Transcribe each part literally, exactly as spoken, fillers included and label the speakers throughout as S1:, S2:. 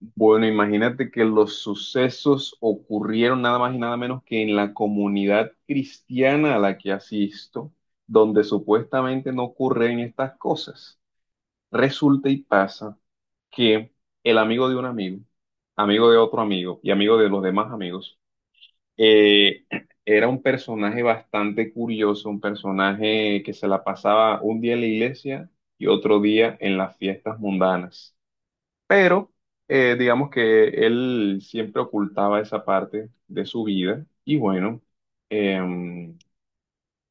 S1: Bueno, imagínate que los sucesos ocurrieron nada más y nada menos que en la comunidad cristiana a la que asisto, donde supuestamente no ocurren estas cosas. Resulta y pasa que el amigo de un amigo, amigo de otro amigo y amigo de los demás amigos, eh, era un personaje bastante curioso, un personaje que se la pasaba un día en la iglesia y otro día en las fiestas mundanas. Pero eh, digamos que él siempre ocultaba esa parte de su vida y bueno, em,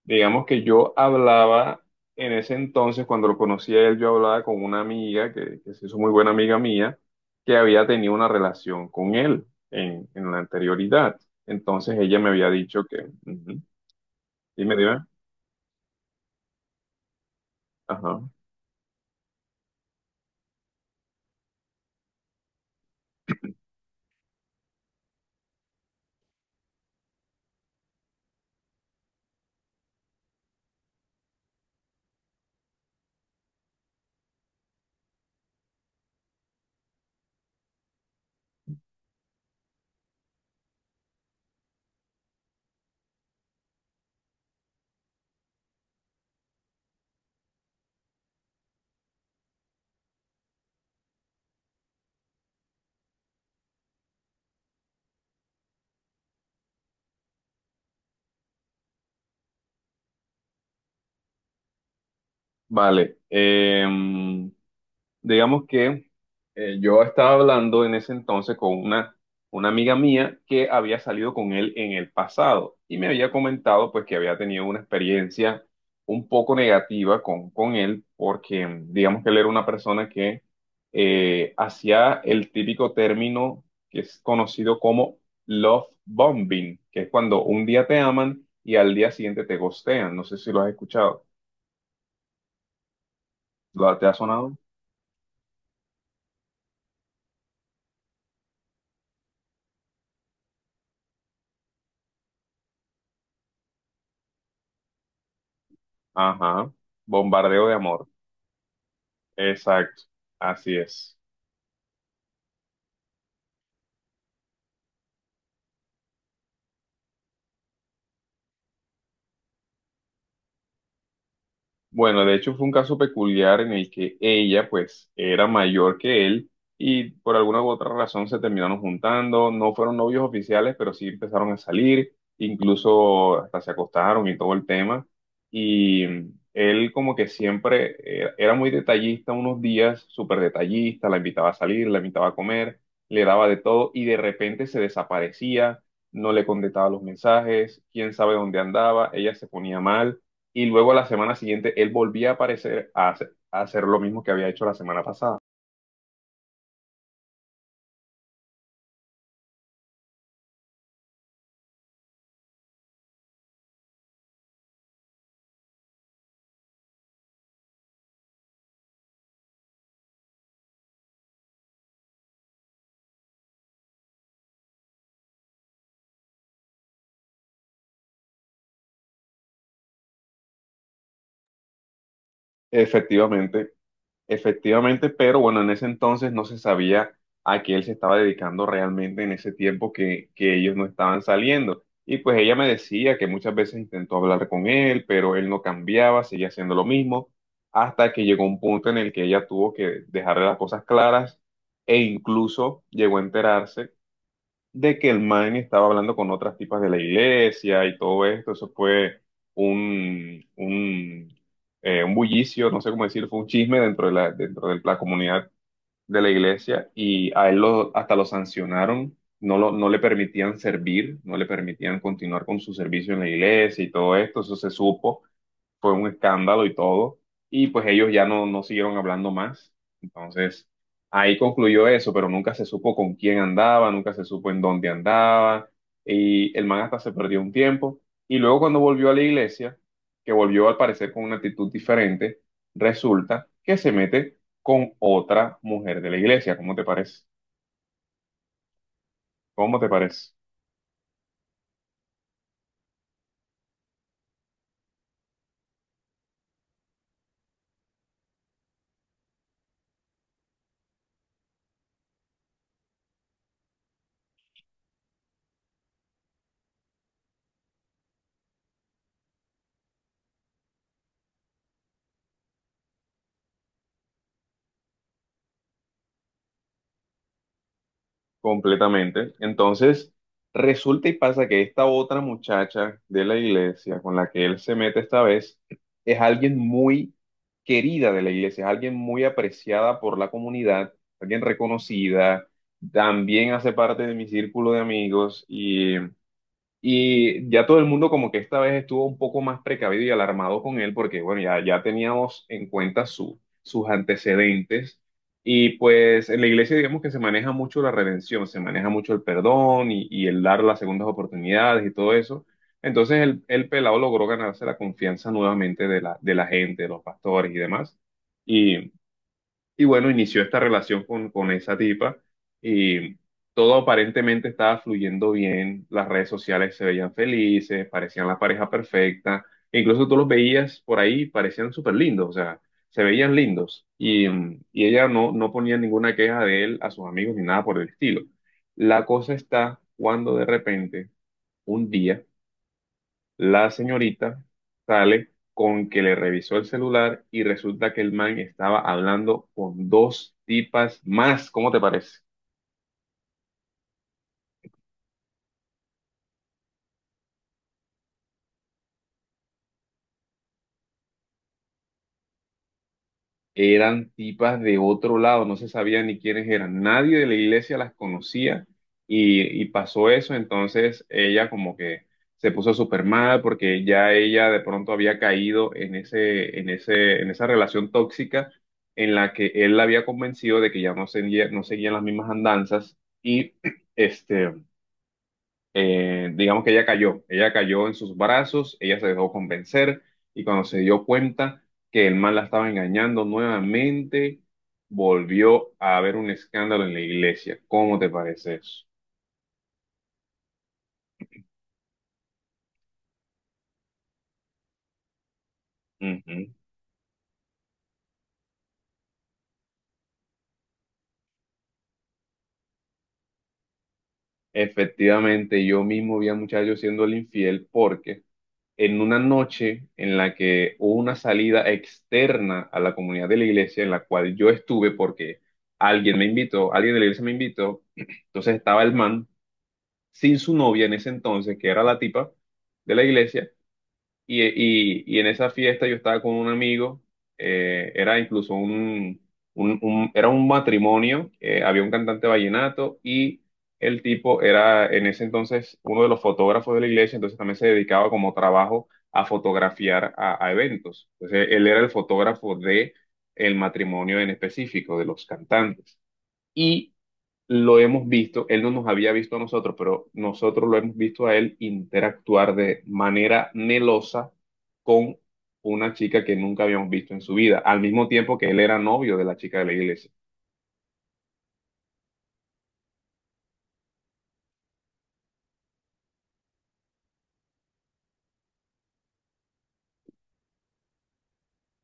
S1: digamos que yo hablaba en ese entonces, cuando lo conocía a él, yo hablaba con una amiga que, que se hizo muy buena amiga mía, que había tenido una relación con él en, en la anterioridad. Entonces ella me había dicho que... Ujú. Dime, dime. Ajá. Vale. Em, digamos que eh, yo estaba hablando en ese entonces con una, una amiga mía que había salido con él en el pasado y me había comentado pues que había tenido una experiencia un poco negativa con, con él porque mm, digamos que él era una persona que eh, hacía el típico término que es conocido como love bombing, que es cuando un día te aman y al día siguiente te ghostean. No sé si lo has escuchado. ¿Lo- ¿Te ha sonado? Ajá, bombardeo de amor. Exacto, así es. Bueno, de hecho fue un caso peculiar en el que ella pues era mayor que él y por alguna u otra razón se terminaron juntando, no fueron novios oficiales, pero sí empezaron a salir, incluso hasta se acostaron y todo el tema. Y mm, él como que siempre era era muy detallista unos días, súper detallista, la invitaba a salir, la invitaba a comer, le daba de todo y de repente se desaparecía, no le contestaba los mensajes, quién sabe dónde andaba, ella se ponía mal y luego la semana siguiente él volvía a aparecer a hacer, a hacer lo mismo que había hecho la semana pasada. Efectivamente, efectivamente, pero bueno, en ese entonces no se sabía a qué él se estaba dedicando realmente en ese tiempo que, que ellos no estaban saliendo. Y pues ella me decía que muchas veces intentó hablar con él, pero él no cambiaba, seguía haciendo lo mismo, hasta que llegó un punto en el que ella tuvo que dejarle las cosas claras e incluso llegó a enterarse de que el man estaba hablando con otras tipas de la iglesia y todo esto. Eso fue un, un, eh, un bullicio, no sé cómo decir, fue un chisme dentro de la, dentro de la comunidad de la iglesia y a él lo, hasta lo sancionaron. No, lo, no le permitían servir, no le permitían continuar con su servicio en la iglesia y todo esto, eso se supo fue un escándalo y todo, y pues ellos ya no, no siguieron hablando más. Entonces, ahí concluyó eso, pero nunca se supo con quién andaba, nunca se supo en dónde andaba, y el man hasta se perdió un tiempo. Y luego cuando volvió a la iglesia, que volvió al parecer con una actitud diferente, resulta que se mete con otra mujer de la iglesia. ¿Cómo te parece? ¿Cómo te parece? Completamente. Entonces, resulta y pasa que esta otra muchacha de la iglesia con la que él se mete esta vez es alguien muy querida de la iglesia, es alguien muy apreciada por la comunidad, alguien reconocida, también hace parte de mi círculo de amigos y ya todo el mundo como que esta vez estuvo un poco más precavido y alarmado con él porque, bueno, ya, ya teníamos en cuenta su, sus antecedentes. Y pues en la iglesia digamos que se maneja mucho la redención, se maneja mucho el perdón y, y el dar las segundas oportunidades y todo eso. Entonces el, el pelado logró ganarse la confianza nuevamente de la, de la gente, de los pastores y demás. Y bueno, inició esta relación con, con esa tipa y todo aparentemente estaba fluyendo bien, las redes sociales se veían felices, parecían la pareja perfecta, e incluso tú los veías por ahí, parecían súper lindos, o sea, se veían lindos y, mm, y ella no, no ponía ninguna queja de él a sus amigos ni nada por el estilo. La cosa está cuando de repente, un día, la señorita sale con que le revisó el celular y resulta que el man estaba hablando con dos tipas más. ¿Cómo te parece? Eran tipas de otro lado, no se sabía ni quiénes eran, nadie de la iglesia las conocía y, y pasó eso, entonces ella como que se puso súper mal porque ya ella de pronto había caído en ese, en ese, en esa relación tóxica en la que él la había convencido de que ya no seguía, no seguían las mismas andanzas y este eh, digamos que ella cayó, ella cayó en sus brazos, ella se dejó convencer y cuando se dio cuenta que el man la estaba engañando nuevamente, volvió a haber un escándalo en la iglesia. ¿Cómo te parece eso? Ujú. Efectivamente, yo mismo vi a muchachos siendo el infiel porque en una noche en la que hubo una salida externa a la comunidad de la iglesia en la cual yo estuve porque alguien me invitó, alguien de la iglesia me invitó, entonces estaba el man sin su novia en ese entonces, que era la tipa de la iglesia, y, y- y en esa fiesta yo estaba con un amigo, eh, era incluso un, un- un- era un matrimonio, eh, había un cantante vallenato y el tipo era en ese entonces uno de los fotógrafos de la iglesia, entonces también se dedicaba como trabajo a fotografiar a, a eventos. Entonces él era el fotógrafo de el matrimonio en específico de los cantantes. Y lo hemos visto, él no nos había visto a nosotros, pero nosotros lo hemos visto a él interactuar de manera melosa con una chica que nunca habíamos visto en su vida, al mismo tiempo que él era novio de la chica de la iglesia.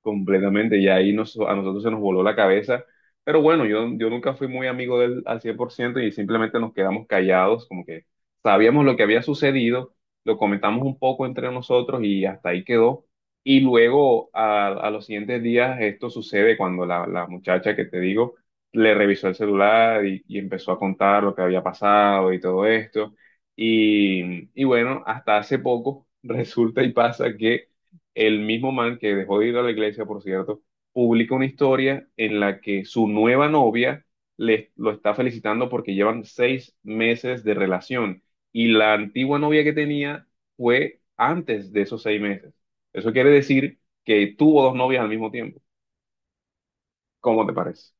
S1: Completamente, y ahí nos, a nosotros se nos voló la cabeza. Pero bueno, yo, yo nunca fui muy amigo de él al cien por ciento y simplemente nos quedamos callados, como que sabíamos lo que había sucedido, lo comentamos un poco entre nosotros y hasta ahí quedó. Y luego, a, a los siguientes días, esto sucede cuando la, la muchacha que te digo le revisó el celular y, y empezó a contar lo que había pasado y todo esto. Y, y bueno, hasta hace poco resulta y pasa que el mismo man que dejó de ir a la iglesia, por cierto, publica una historia en la que su nueva novia le, lo está felicitando porque llevan seis meses de relación y la antigua novia que tenía fue antes de esos seis meses. Eso quiere decir que tuvo dos novias al mismo tiempo. ¿Cómo te parece?